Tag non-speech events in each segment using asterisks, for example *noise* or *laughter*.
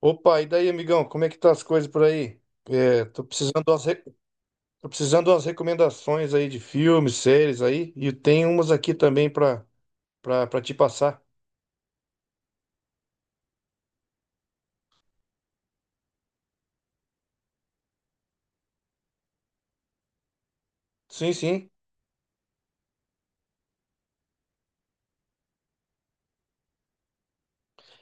Opa, e daí, amigão, como é que tá as coisas por aí? É, tô precisando de umas, tô precisando de umas recomendações aí de filmes, séries aí, e tem umas aqui também pra te passar. Sim, sim.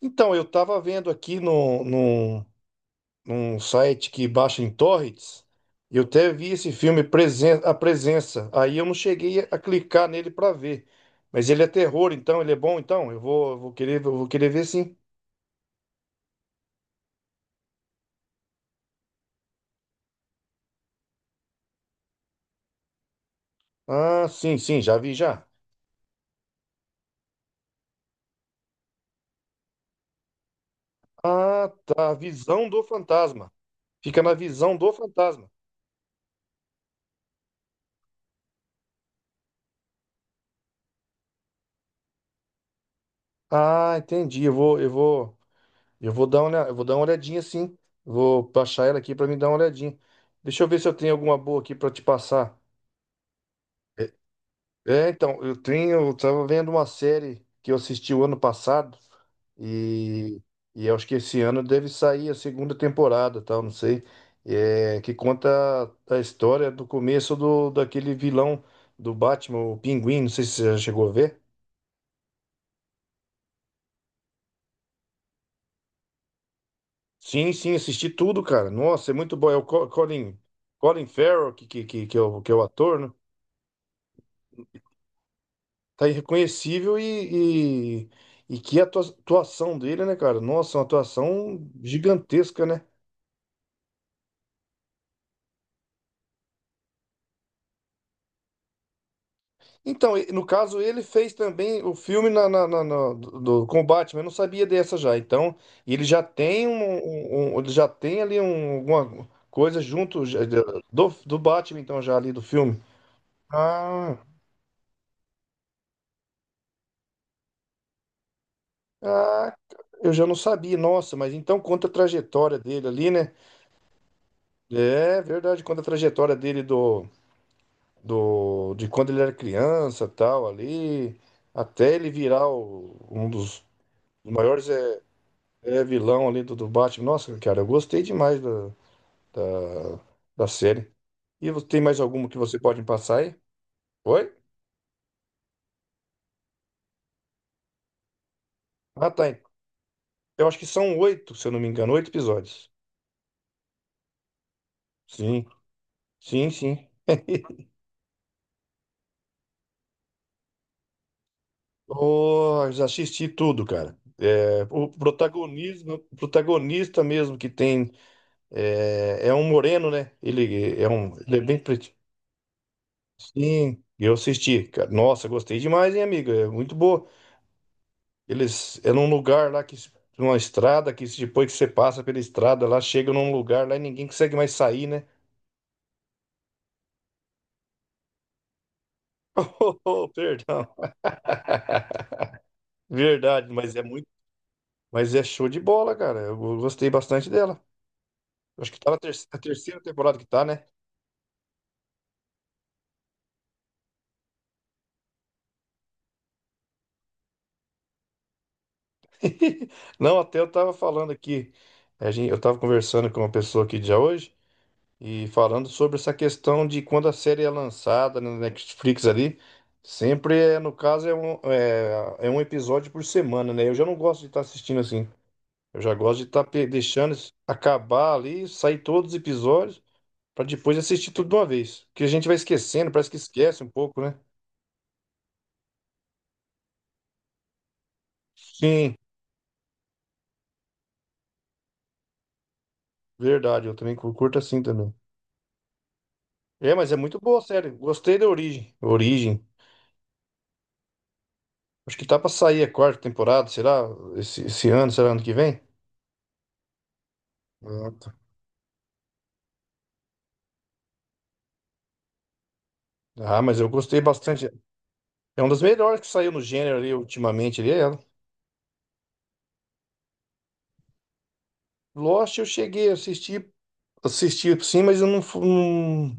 Então, eu tava vendo aqui no num site que baixa em torrents, eu até vi esse filme Presen A Presença, aí eu não cheguei a clicar nele pra ver, mas ele é terror, então, ele é bom, então, eu vou querer ver sim. Ah, sim, sim, já vi já. Ah, tá. Visão do fantasma. Fica na visão do fantasma. Ah, entendi. Eu vou dar uma, eu vou dar uma olhadinha sim. Vou baixar ela aqui para me dar uma olhadinha. Deixa eu ver se eu tenho alguma boa aqui para te passar. É, então, eu tenho, eu tava vendo uma série que eu assisti o ano passado e, e eu acho que esse ano deve sair a segunda temporada, tal, não sei, é, que conta a história do começo daquele vilão do Batman, o Pinguim, não sei se você já chegou a ver. Sim, sim, assisti tudo, cara. Nossa, é muito bom. É o Colin, Colin Farrell, que é o, que é o ator, né? Tá irreconhecível e que atuação dele, né, cara? Nossa, uma atuação gigantesca, né? Então, no caso, ele fez também o filme do com o Batman, eu não sabia dessa já. Então, ele já tem ele já tem ali um, alguma coisa junto do Batman, então, já ali do filme. Ah, ah, eu já não sabia, nossa, mas então conta a trajetória dele ali, né? É verdade, conta a trajetória dele de quando ele era criança, tal, ali, até ele virar um dos maiores É vilão ali do Batman. Nossa, cara, eu gostei demais da, da série. E você tem mais alguma que você pode me passar aí? Oi? Ah, tá. Eu acho que são oito, se eu não me engano, oito episódios. Sim, sim, sim. Oh, já assisti tudo, cara. É, o protagonismo, o protagonista mesmo que tem é um moreno, né? Ele é um, ele é bem pretinho. Sim, eu assisti, cara. Nossa, gostei demais, hein, amiga? É muito boa. Eles é num lugar lá que numa estrada que depois que você passa pela estrada lá chega num lugar lá e ninguém consegue mais sair, né? *laughs* Oh, oh, perdão. *laughs* Verdade, mas é muito, mas é show de bola, cara. Eu gostei bastante dela. Acho que tá na a terceira temporada que tá, né? *laughs* Não, até eu tava falando aqui. A gente, eu tava conversando com uma pessoa aqui já hoje. E falando sobre essa questão de quando a série é lançada na Netflix ali, sempre é, no caso, é um episódio por semana, né? Eu já não gosto de estar assistindo assim. Eu já gosto de estar deixando isso acabar ali, sair todos os episódios, para depois assistir tudo de uma vez. Porque a gente vai esquecendo, parece que esquece um pouco, né? Sim, verdade, eu também curto assim também. É, mas é muito boa a série. Gostei da Origem. Origem. Acho que tá pra sair a quarta temporada, será? Esse ano, será ano que vem? Ah, tá. Ah, mas eu gostei bastante. É uma das melhores que saiu no gênero ali ultimamente ali, é ela. Lost eu cheguei a assistir, assisti sim, mas eu não, não,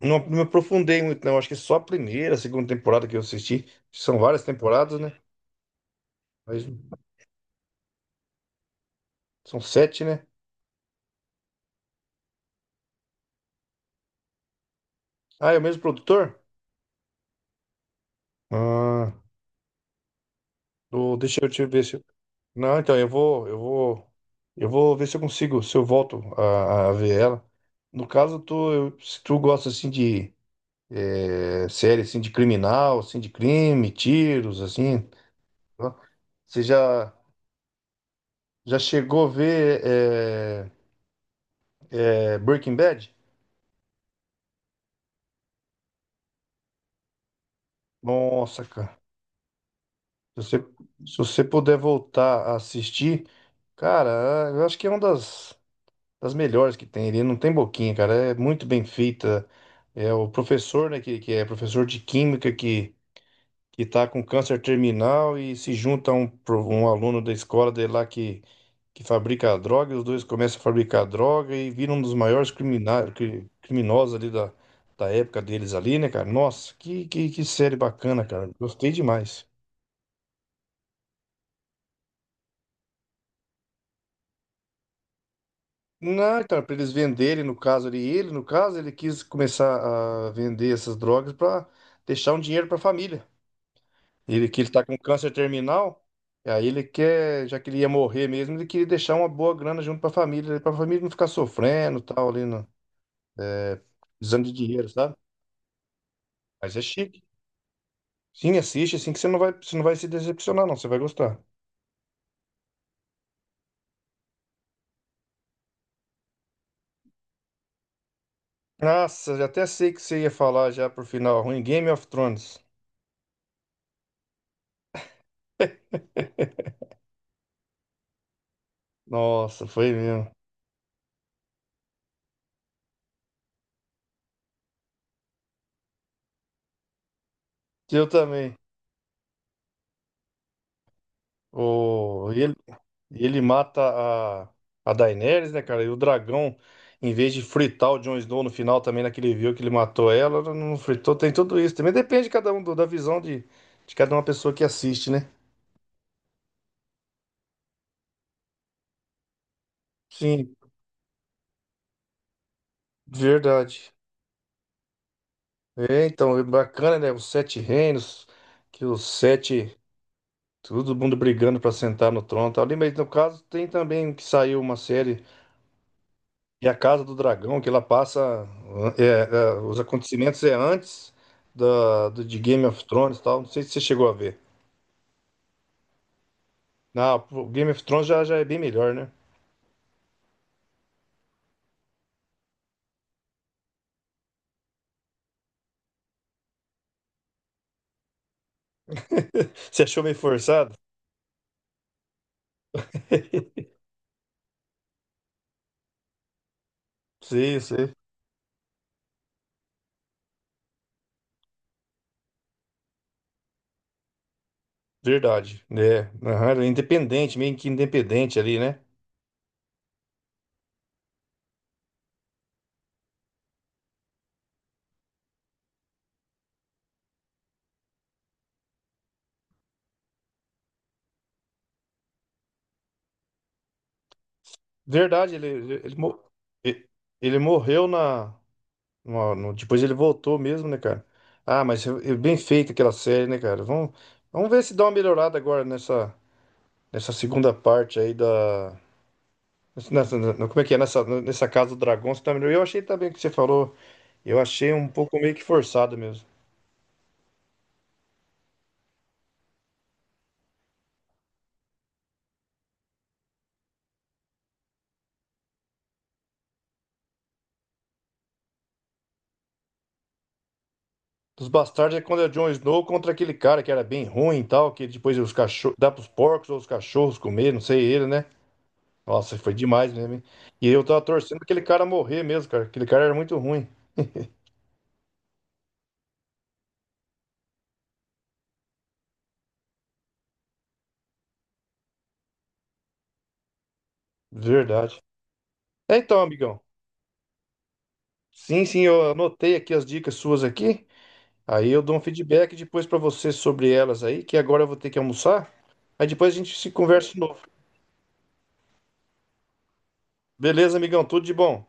não me aprofundei muito, não. Acho que só a primeira, a segunda temporada que eu assisti. São várias temporadas, né? Mas são sete, né? Ah, é o mesmo produtor? Ah, deixa eu te ver se. Não, então eu vou ver se eu consigo, se eu volto a ver ela. No caso, tu, se tu gosta assim de série assim de criminal, assim de crime, tiros, assim. Tá? Você já já chegou a ver Breaking Bad? Nossa, cara. Se você, se você puder voltar a assistir, cara, eu acho que é uma das, das melhores que tem. Ele não tem boquinha, cara. É muito bem feita. É o professor, né, que é professor de química que tá com câncer terminal e se junta a um, um aluno da escola dele lá que fabrica a droga, e os dois começam a fabricar a droga e viram um dos maiores criminosos ali da, da época deles ali, né, cara? Nossa, que série bacana, cara. Gostei demais. Não, cara, pra eles venderem, no caso ali, ele, no caso, ele quis começar a vender essas drogas para deixar um dinheiro pra família. Ele que ele tá com câncer terminal, e aí ele quer, já que ele ia morrer mesmo, ele queria deixar uma boa grana junto pra família, para a família não ficar sofrendo e tal, ali, no, é, precisando de dinheiro, sabe? Mas é chique. Sim, assiste, assim que você não vai se decepcionar, não. Você vai gostar. Nossa, já até sei o que você ia falar já pro final ruim. Game of Thrones. Nossa, foi mesmo. Eu também. O, ele mata a, a Daenerys, né, cara? E o dragão, em vez de fritar o Jon Snow no final também, naquele viu que ele matou ela, ela não fritou. Tem tudo isso. Também depende de cada um, da visão de cada uma pessoa que assiste, né? Sim, verdade. É, então, é bacana, né? Os Sete Reinos, que os sete. Todo mundo brigando pra sentar no trono e tal ali, mas no caso tem também que saiu uma série que é a Casa do Dragão, que ela passa os acontecimentos é antes de Game of Thrones e tal. Não sei se você chegou a ver. Ah, o Game of Thrones já, já é bem melhor, né? Você achou meio forçado? Sim, sim. Verdade. É, aham, ele é independente, meio que independente ali, né? Verdade, ele ele morreu na, depois ele voltou mesmo, né, cara? Ah, mas bem feito aquela série, né, cara? Vamos, vamos ver se dá uma melhorada agora nessa, nessa segunda parte aí da. Nessa, como é que é? Nessa, nessa Casa do Dragão, você tá melhor. Eu achei também o que você falou. Eu achei um pouco meio que forçado mesmo. Dos bastardos é quando é o Jon Snow contra aquele cara que era bem ruim e tal, que depois os cachorros. Dá pros porcos ou os cachorros comer, não sei ele, né? Nossa, foi demais mesmo, hein? E eu tava torcendo pra aquele cara morrer mesmo, cara. Aquele cara era muito ruim. De Verdade. É então, amigão. Sim, sim, eu anotei aqui as dicas suas aqui. Aí eu dou um feedback depois pra você sobre elas aí, que agora eu vou ter que almoçar. Aí depois a gente se conversa de novo. Beleza, amigão? Tudo de bom.